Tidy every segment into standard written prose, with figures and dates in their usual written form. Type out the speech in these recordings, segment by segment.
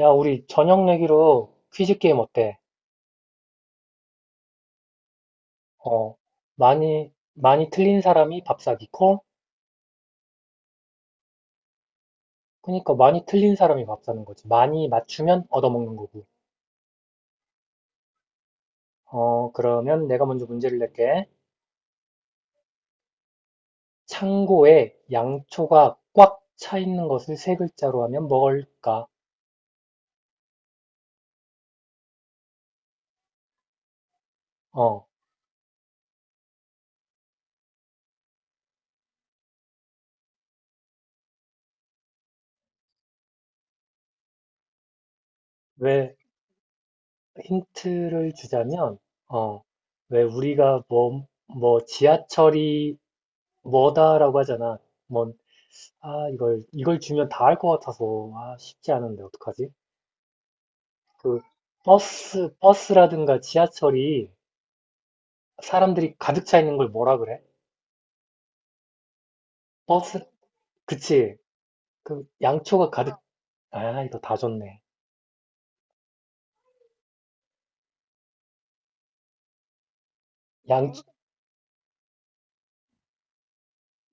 야, 우리 저녁 내기로 퀴즈 게임 어때? 어, 많이 틀린 사람이 밥 사기 콜? 그니까 많이 틀린 사람이 밥 사는 거지. 많이 맞추면 얻어먹는 거고. 그러면 내가 먼저 문제를 낼게. 창고에 양초가 꽉 차 있는 것을 세 글자로 하면 뭘까? 어, 왜 힌트를 주자면, 어, 왜 우리가 뭐, 뭐 지하철이 뭐다라고 하잖아. 뭐 이걸 주면 다 할 것 같아서, 아, 쉽지 않은데, 어떡하지? 그, 버스라든가 지하철이 사람들이 가득 차 있는 걸 뭐라 그래? 버스, 그치. 그, 양초가 가득, 이거 다 줬네. 양,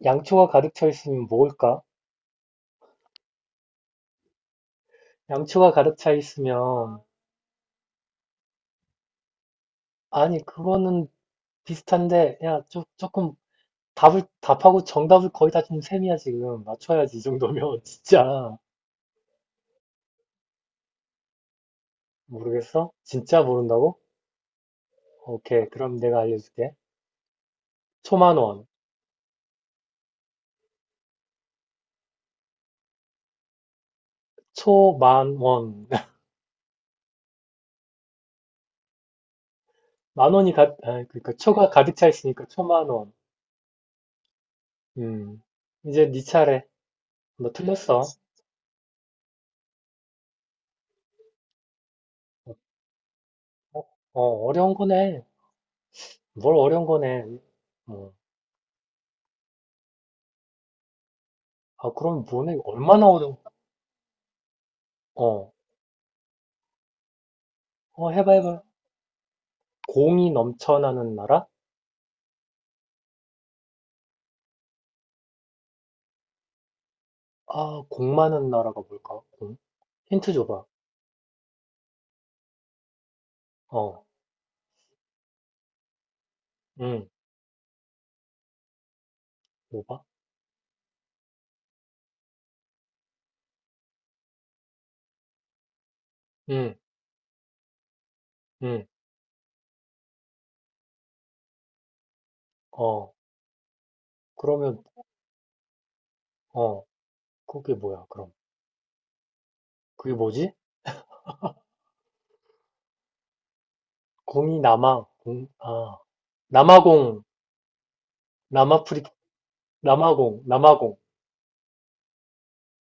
양초가 가득 차 있으면 뭘까? 양초가 가득 차 있으면, 아니, 그거는 비슷한데, 야, 조금, 답하고 정답을 거의 다 준 셈이야, 지금. 맞춰야지, 이 정도면. 진짜. 모르겠어? 진짜 모른다고? 오케이, 그럼 내가 알려줄게. 초만원, 초만원. 그러니까 초가 가득 차 있으니까 초만원. 음. 이제 네 차례. 너 틀렸어. 어, 어, 어려운 거네. 뭘 어려운 거네. 어. 그럼 뭐네? 얼마나 어려운, 어. 해봐, 해봐. 공이 넘쳐나는 나라? 공 많은 나라가 뭘까? 공? 힌트 줘봐. 어, 응, 뭐봐? 응, 응, 어. 그러면, 어, 그게 뭐야, 그럼. 그게 뭐지? 공이 남아, 공, 아. 남아공 남아프리 남아공 남아공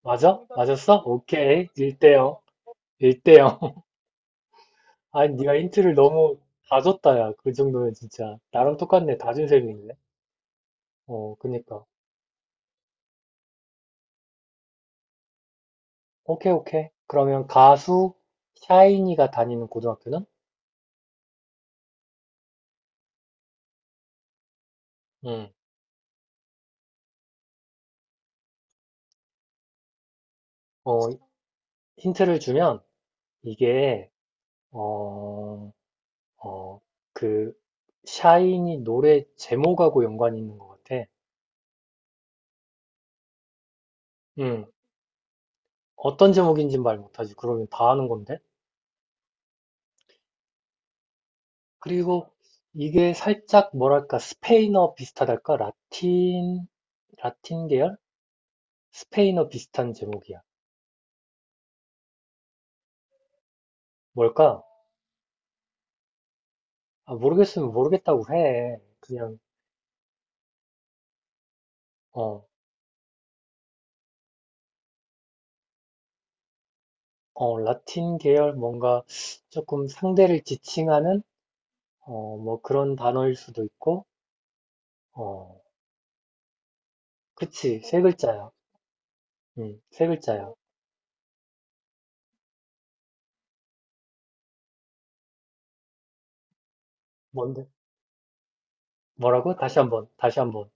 맞아? 맞았어? 오케이 일대영일대영 아니 네가 힌트를 너무 다 줬다. 야, 그 정도면 진짜 나랑 똑같네. 다 준 셈이네. 그니까. 오케이. 오케이. 그러면 가수 샤이니가 다니는 고등학교는? 응. 어 힌트를 주면 이게 어 어 그 샤이니 노래 제목하고 연관이 있는 것 같아. 응. 어떤 제목인진 말 못하지. 그러면 다 아는 건데. 그리고 이게 살짝 뭐랄까, 스페인어 비슷하달까? 라틴. 라틴 계열? 스페인어 비슷한 제목이야. 뭘까? 아, 모르겠으면 모르겠다고 해. 그냥. 어, 라틴 계열 뭔가 조금 상대를 지칭하는 뭐 그런 단어일 수도 있고. 어, 그치. 세 글자야. 응, 세 글자야. 뭔데? 뭐라고? 다시 한번. 다시 한번.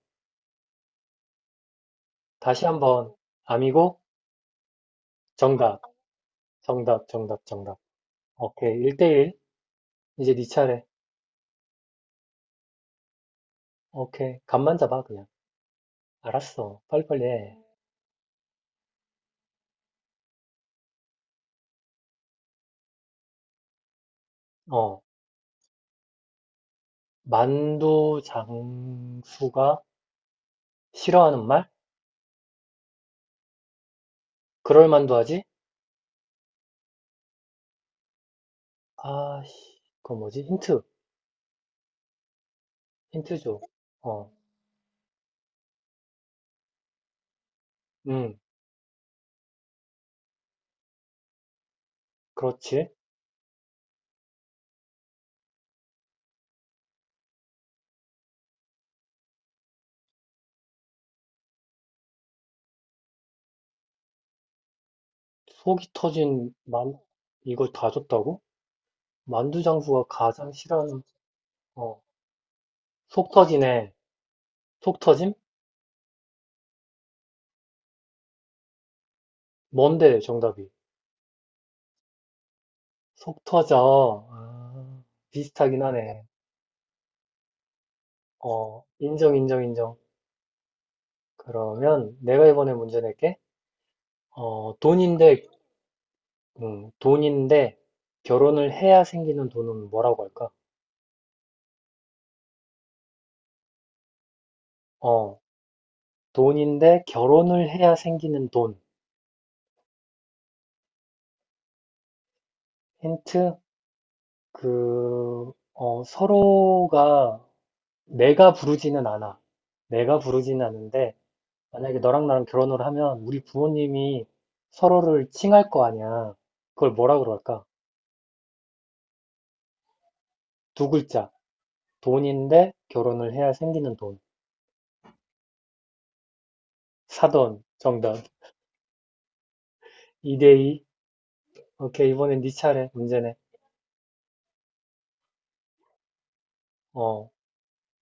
다시 한번. 아미고 정답. 정답. 정답. 정답. 오케이. 1대1. 이제 네 차례. 오케이. 간만 잡아, 그냥. 알았어. 빨리빨리 해. 어, 만두 장수가 싫어하는 말? 그럴 만도 하지? 아, 씨. 그거 뭐지? 힌트. 힌트 줘. 어, 음, 그렇지. 속이 터진 만, 이걸 다 줬다고? 만두 장수가 가장 싫어하는, 어, 속 터지네. 속 터짐? 뭔데, 정답이? 속 터져. 비슷하긴 하네. 인정, 인정, 인정. 그러면 내가 이번에 문제 낼게. 돈인데, 돈인데, 결혼을 해야 생기는 돈은 뭐라고 할까? 어, 돈인데, 결혼을 해야 생기는 돈. 힌트? 서로가, 내가 부르지는 않아. 내가 부르지는 않는데, 만약에 너랑 나랑 결혼을 하면, 우리 부모님이 서로를 칭할 거 아니야. 그걸 뭐라 그럴까? 두 글자. 돈인데, 결혼을 해야 생기는 돈. 사돈. 정답. 2대2. 오케이, 이번엔 네 차례. 문제네. 어,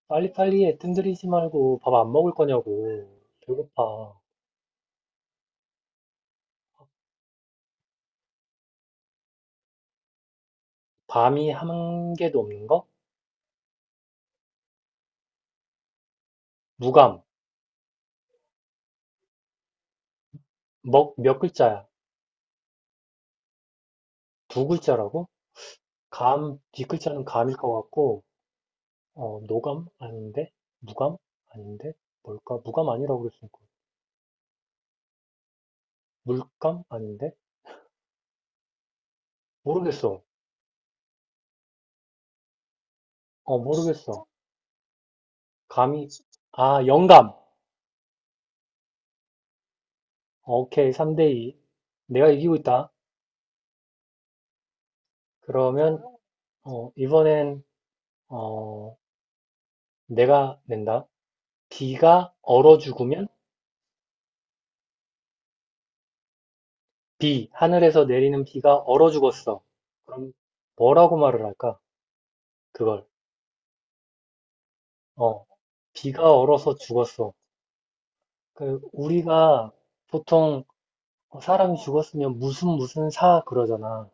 빨리빨리 애뜸 들이지 말고 밥 안 먹을 거냐고. 배고파. 밤이 한 개도 없는 거? 무감. 먹 몇 글자야? 두 글자라고? 감, 뒷글자는 감일 것 같고, 노감? 아닌데? 무감? 아닌데? 뭘까? 무감 아니라고 그랬으니까. 물감? 아닌데? 모르겠어. 모르겠어. 감이, 아, 영감. 오케이. 3대2. 내가 이기고 있다. 그러면, 이번엔, 어, 내가 낸다. 비가 얼어 죽으면 하늘에서 내리는 비가 얼어 죽었어. 그럼 뭐라고 말을 할까? 그걸. 어, 비가 얼어서 죽었어. 그 우리가 보통 사람이 죽었으면 무슨 무슨 사 그러잖아.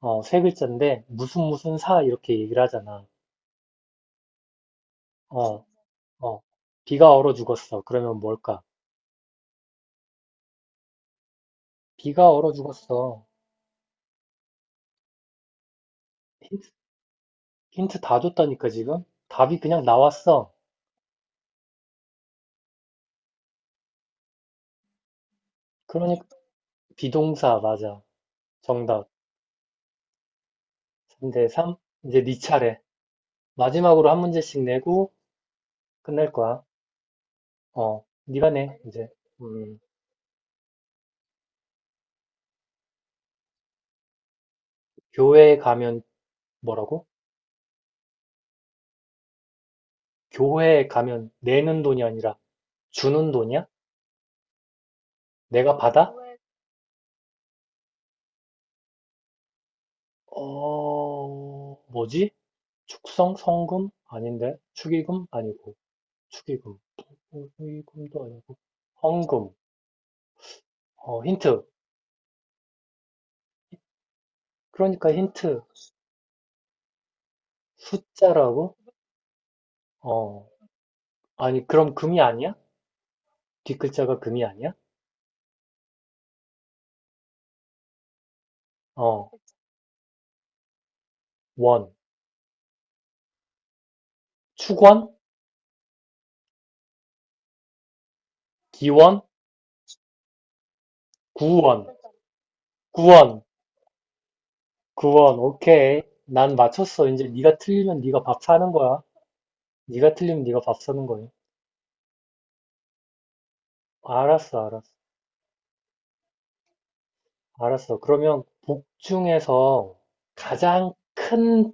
세 글자인데 무슨 무슨 사 이렇게 얘기를 하잖아. 어, 어, 비가 얼어 죽었어. 그러면 뭘까? 비가 얼어 죽었어. 힌트, 힌트 다 줬다니까 지금? 답이 그냥 나왔어. 그러니까 비동사 맞아. 정답. 문제 3. 이제 네 차례. 마지막으로 한 문제씩 내고 끝낼 거야. 네가 내, 이제. 음, 교회에 가면 뭐라고? 교회에 가면 내는 돈이 아니라 주는 돈이야? 내가 받아? 뭐지? 축성? 성금? 아닌데? 축의금? 아니고. 축의금. 축의금도 아니고. 헌금. 힌트. 그러니까 힌트. 숫자라고? 어, 아니, 그럼 금이 아니야? 뒷글자가 금이 아니야? 어, 원. 추권? 기원? 구원. 구원. 구원. 오케이. 난 맞췄어. 이제 네가 틀리면 네가 밥 사는 거야. 네가 틀리면 네가 밥 사는 거야. 알았어, 알았어. 알았어. 그러면 북 중에서 가장 큰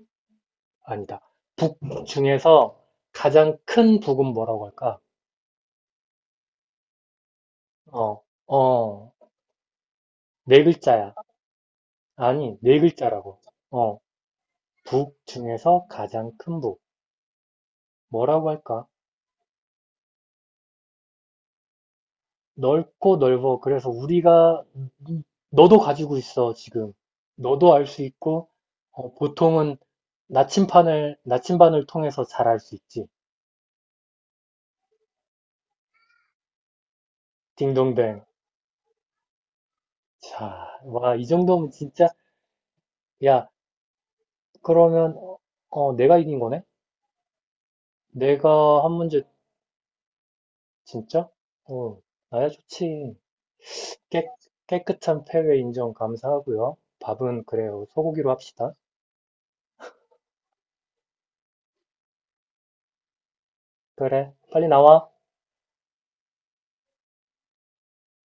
아니다. 북 중에서 가장 큰 북은 뭐라고 할까? 어. 어. 네 글자야. 아니, 네 글자라고. 어. 북 중에서 가장 큰 북. 뭐라고 할까? 넓고 넓어. 그래서 우리가 너도 가지고 있어 지금. 너도 알 수 있고 보통은 나침판을 나침반을 통해서 잘 알 수 있지. 딩동댕. 자, 와, 이 정도면 진짜 야, 그러면 내가 이긴 거네? 내가 한 문제 진짜? 어, 나야 좋지. 깨, 깨끗한 패배 인정 감사하고요. 밥은 그래요. 소고기로 합시다. 그래, 빨리 나와.